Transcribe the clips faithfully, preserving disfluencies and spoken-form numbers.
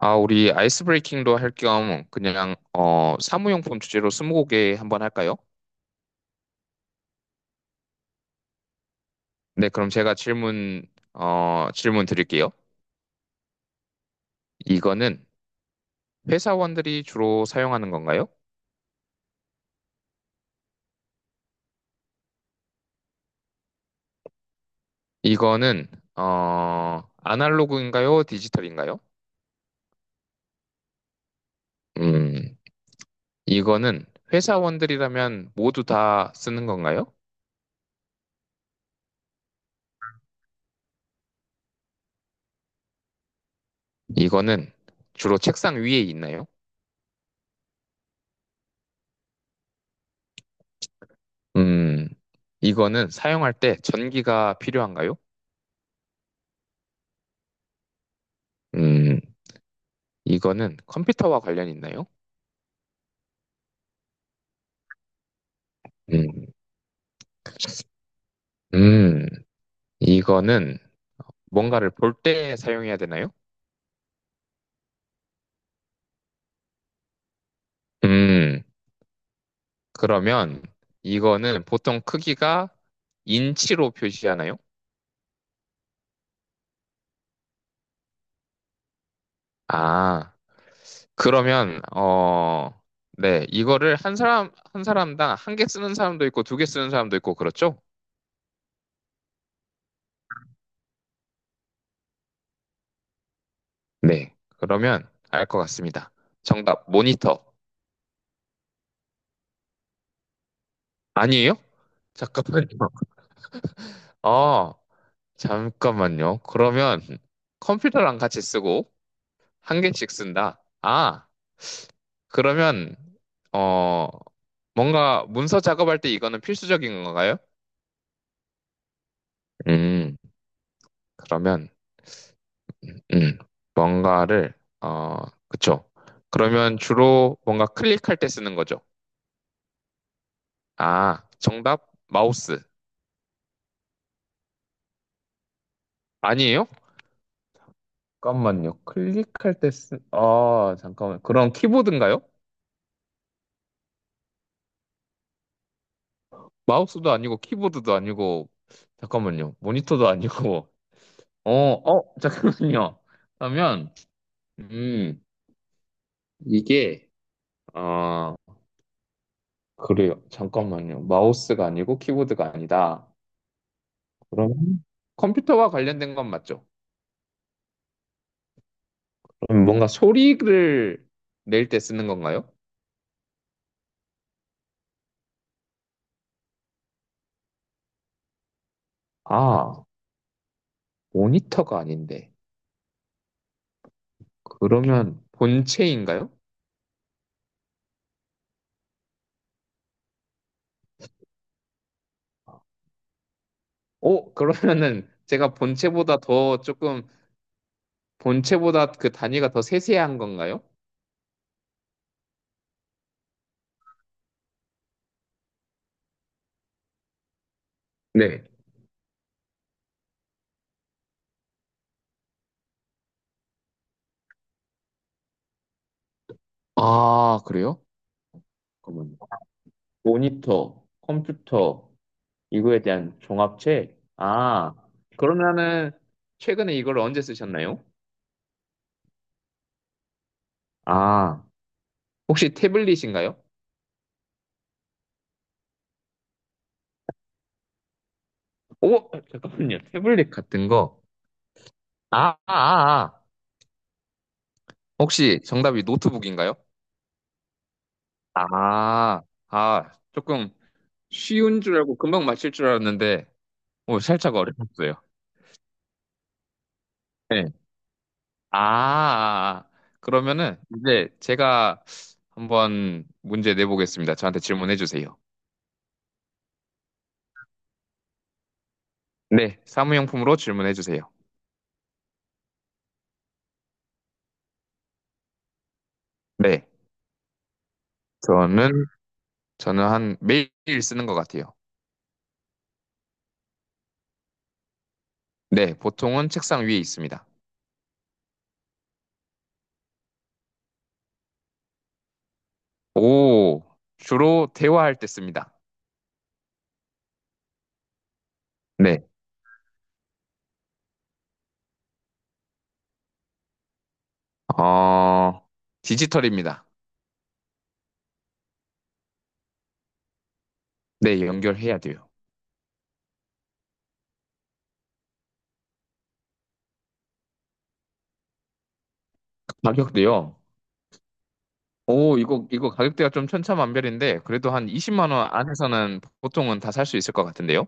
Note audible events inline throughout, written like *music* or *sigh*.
아, 우리 아이스 브레이킹도 할 겸 그냥 어 사무용품 주제로 스무고개 한번 할까요? 네, 그럼 제가 질문 어 질문 드릴게요. 이거는 회사원들이 주로 사용하는 건가요? 이거는 어 아날로그인가요? 디지털인가요? 음, 이거는 회사원들이라면 모두 다 쓰는 건가요? 이거는 주로 책상 위에 있나요? 음, 이거는 사용할 때 전기가 필요한가요? 음. 이거는 컴퓨터와 관련이 있나요? 음, 음, 이거는 뭔가를 볼 때 사용해야 되나요? 음, 그러면 이거는 보통 크기가 인치로 표시하나요? 아, 그러면, 어, 네, 이거를 한 사람, 한 사람당 한 개 쓰는 사람도 있고 두 개 쓰는 사람도 있고 그렇죠? 네, 그러면 알 것 같습니다. 정답, 모니터. 아니에요? 잠깐만요. 아, 잠깐만요. 그러면 컴퓨터랑 같이 쓰고 한 개씩 쓴다. 아, 그러면 어 뭔가 문서 작업할 때 이거는 필수적인 건가요? 음, 그러면 음 뭔가를 어 그쵸. 그러면 주로 뭔가 클릭할 때 쓰는 거죠. 아, 정답 마우스. 아니에요? 잠깐만요. 클릭할 때 쓰... 아, 잠깐만. 그럼 키보드인가요? 마우스도 아니고 키보드도 아니고 잠깐만요. 모니터도 아니고 어, 어, 잠깐만요. 그러면, 음, 이게, 아, 그래요. 잠깐만요. 마우스가 아니고 키보드가 아니다. 그러면 컴퓨터와 관련된 건 맞죠? 그럼 뭔가 소리를 낼 때 쓰는 건가요? 아, 모니터가 아닌데. 그러면 본체인가요? 어, 그러면은 제가 본체보다 더 조금, 본체보다 그 단위가 더 세세한 건가요? 네. 아, 그래요? 잠깐만요. 모니터, 컴퓨터, 이거에 대한 종합책? 아, 그러면은 최근에 이걸 언제 쓰셨나요? 아, 혹시 태블릿인가요? 오, 잠깐만요. 태블릿 같은 거. 아, 아, 아. 아. 혹시 정답이 노트북인가요? 아, 아, 조금 쉬운 줄 알고 금방 맞힐 줄 알았는데, 오, 살짝 어려웠어요. 네. 아, 아, 아. 그러면은 이제 제가 한번 문제 내보겠습니다. 저한테 질문해 주세요. 네, 사무용품으로 질문해 주세요. 네. 저는 저는 한 매일 쓰는 것 같아요. 네, 보통은 책상 위에 있습니다. 오, 주로 대화할 때 씁니다. 네, 어, 디지털입니다. 네, 연결해야 돼요. 가격도요. 오, 이거 이거 가격대가 좀 천차만별인데 그래도 한 이십만 원 안에서는 보통은 다 살 수 있을 것 같은데요.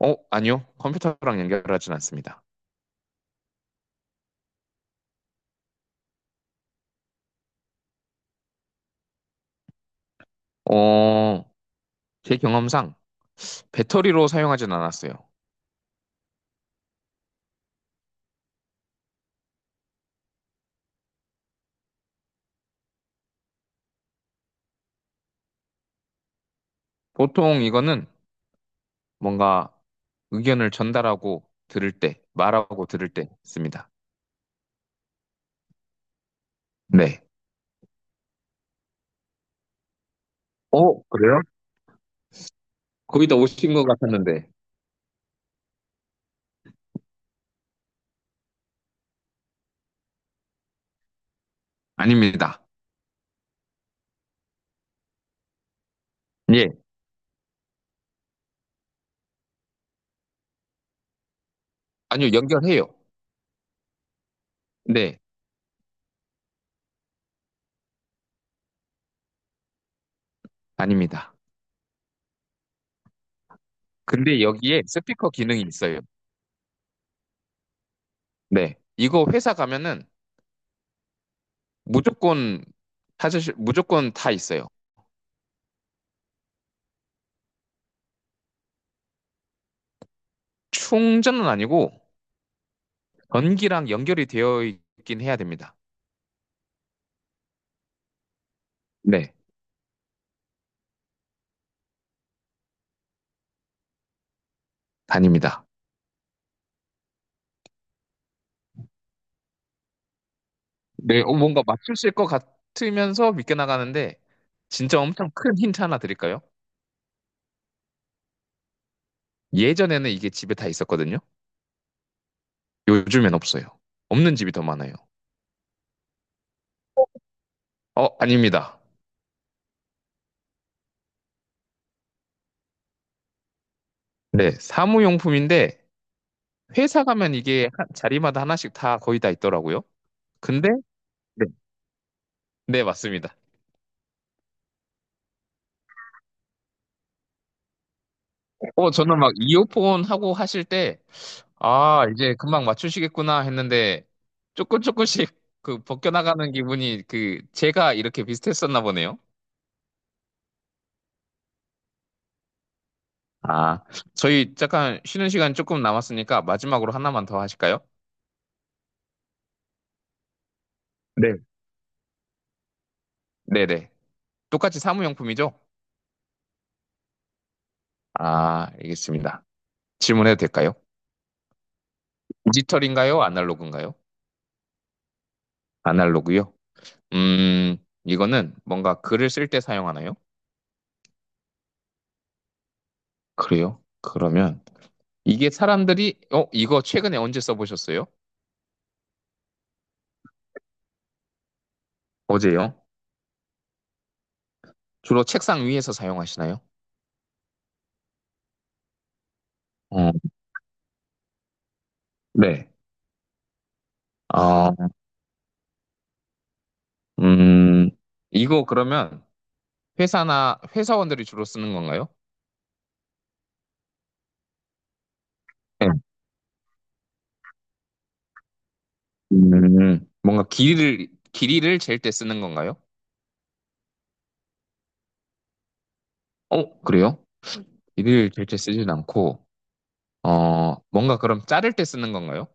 어, 아니요. 컴퓨터랑 연결하진 않습니다. 어, 제 경험상 배터리로 사용하진 않았어요. 보통 이거는 뭔가 의견을 전달하고 들을 때, 말하고 들을 때 씁니다. 네. 어, 그래요? 거의 다 오신 것 같았는데. 아닙니다. 예. 아니요, 연결해요. 네, 아닙니다. 근데 여기에 스피커 기능이 있어요. 네. 이거 회사 가면은 무조건 찾으실, 무조건 다 있어요. 충전은 아니고 전기랑 연결이 되어 있긴 해야 됩니다. 네, 다닙니다. 네, 어, 뭔가 맞추실 것 같으면서 믿게 나가는데 진짜 엄청 큰 힌트 하나 드릴까요? 예전에는 이게 집에 다 있었거든요. 요즘엔 없어요. 없는 집이 더 많아요. 어, 아닙니다. 네, 사무용품인데 회사 가면 이게 하- 자리마다 하나씩 다 거의 다 있더라고요. 근데 네, 네, 맞습니다. 어, 저는 막 이어폰 하고 하실 때 아, 이제 금방 맞추시겠구나 했는데 조금 조금씩 그 벗겨나가는 기분이 그 제가 이렇게 비슷했었나 보네요. 아, 저희 잠깐 쉬는 시간 조금 남았으니까 마지막으로 하나만 더 하실까요? 네. 네네. 똑같이 사무용품이죠? 아, 알겠습니다. 질문해도 될까요? 디지털인가요? 아날로그인가요? 아날로그요? 음, 이거는 뭔가 글을 쓸 때 사용하나요? 그래요? 그러면 이게 사람들이, 어, 이거 최근에 언제 써보셨어요? 어제요? 주로 책상 위에서 사용하시나요? 어, 네. 아, 음, 이거 그러면 회사나 회사원들이 주로 쓰는 건가요? 음, 뭔가 길이를, 길이를 잴 때 쓰는 건가요? 어, 그래요? 길이를 잴 때 쓰진 않고, 어, 뭔가 그럼 자를 때 쓰는 건가요?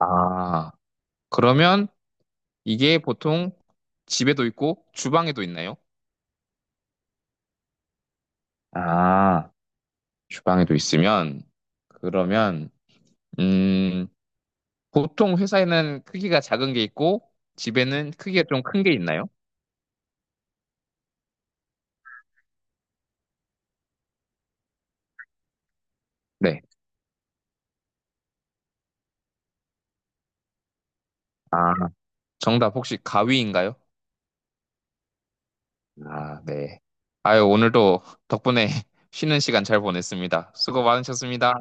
아, 그러면 이게 보통 집에도 있고 주방에도 있나요? 아, 주방에도 있으면, 그러면, 음, 보통 회사에는 크기가 작은 게 있고, 집에는 크기가 좀 큰 게 있나요? 네. 아, 정답 혹시 가위인가요? 아, 네. 아유, 오늘도 덕분에 *laughs* 쉬는 시간 잘 보냈습니다. 수고 많으셨습니다.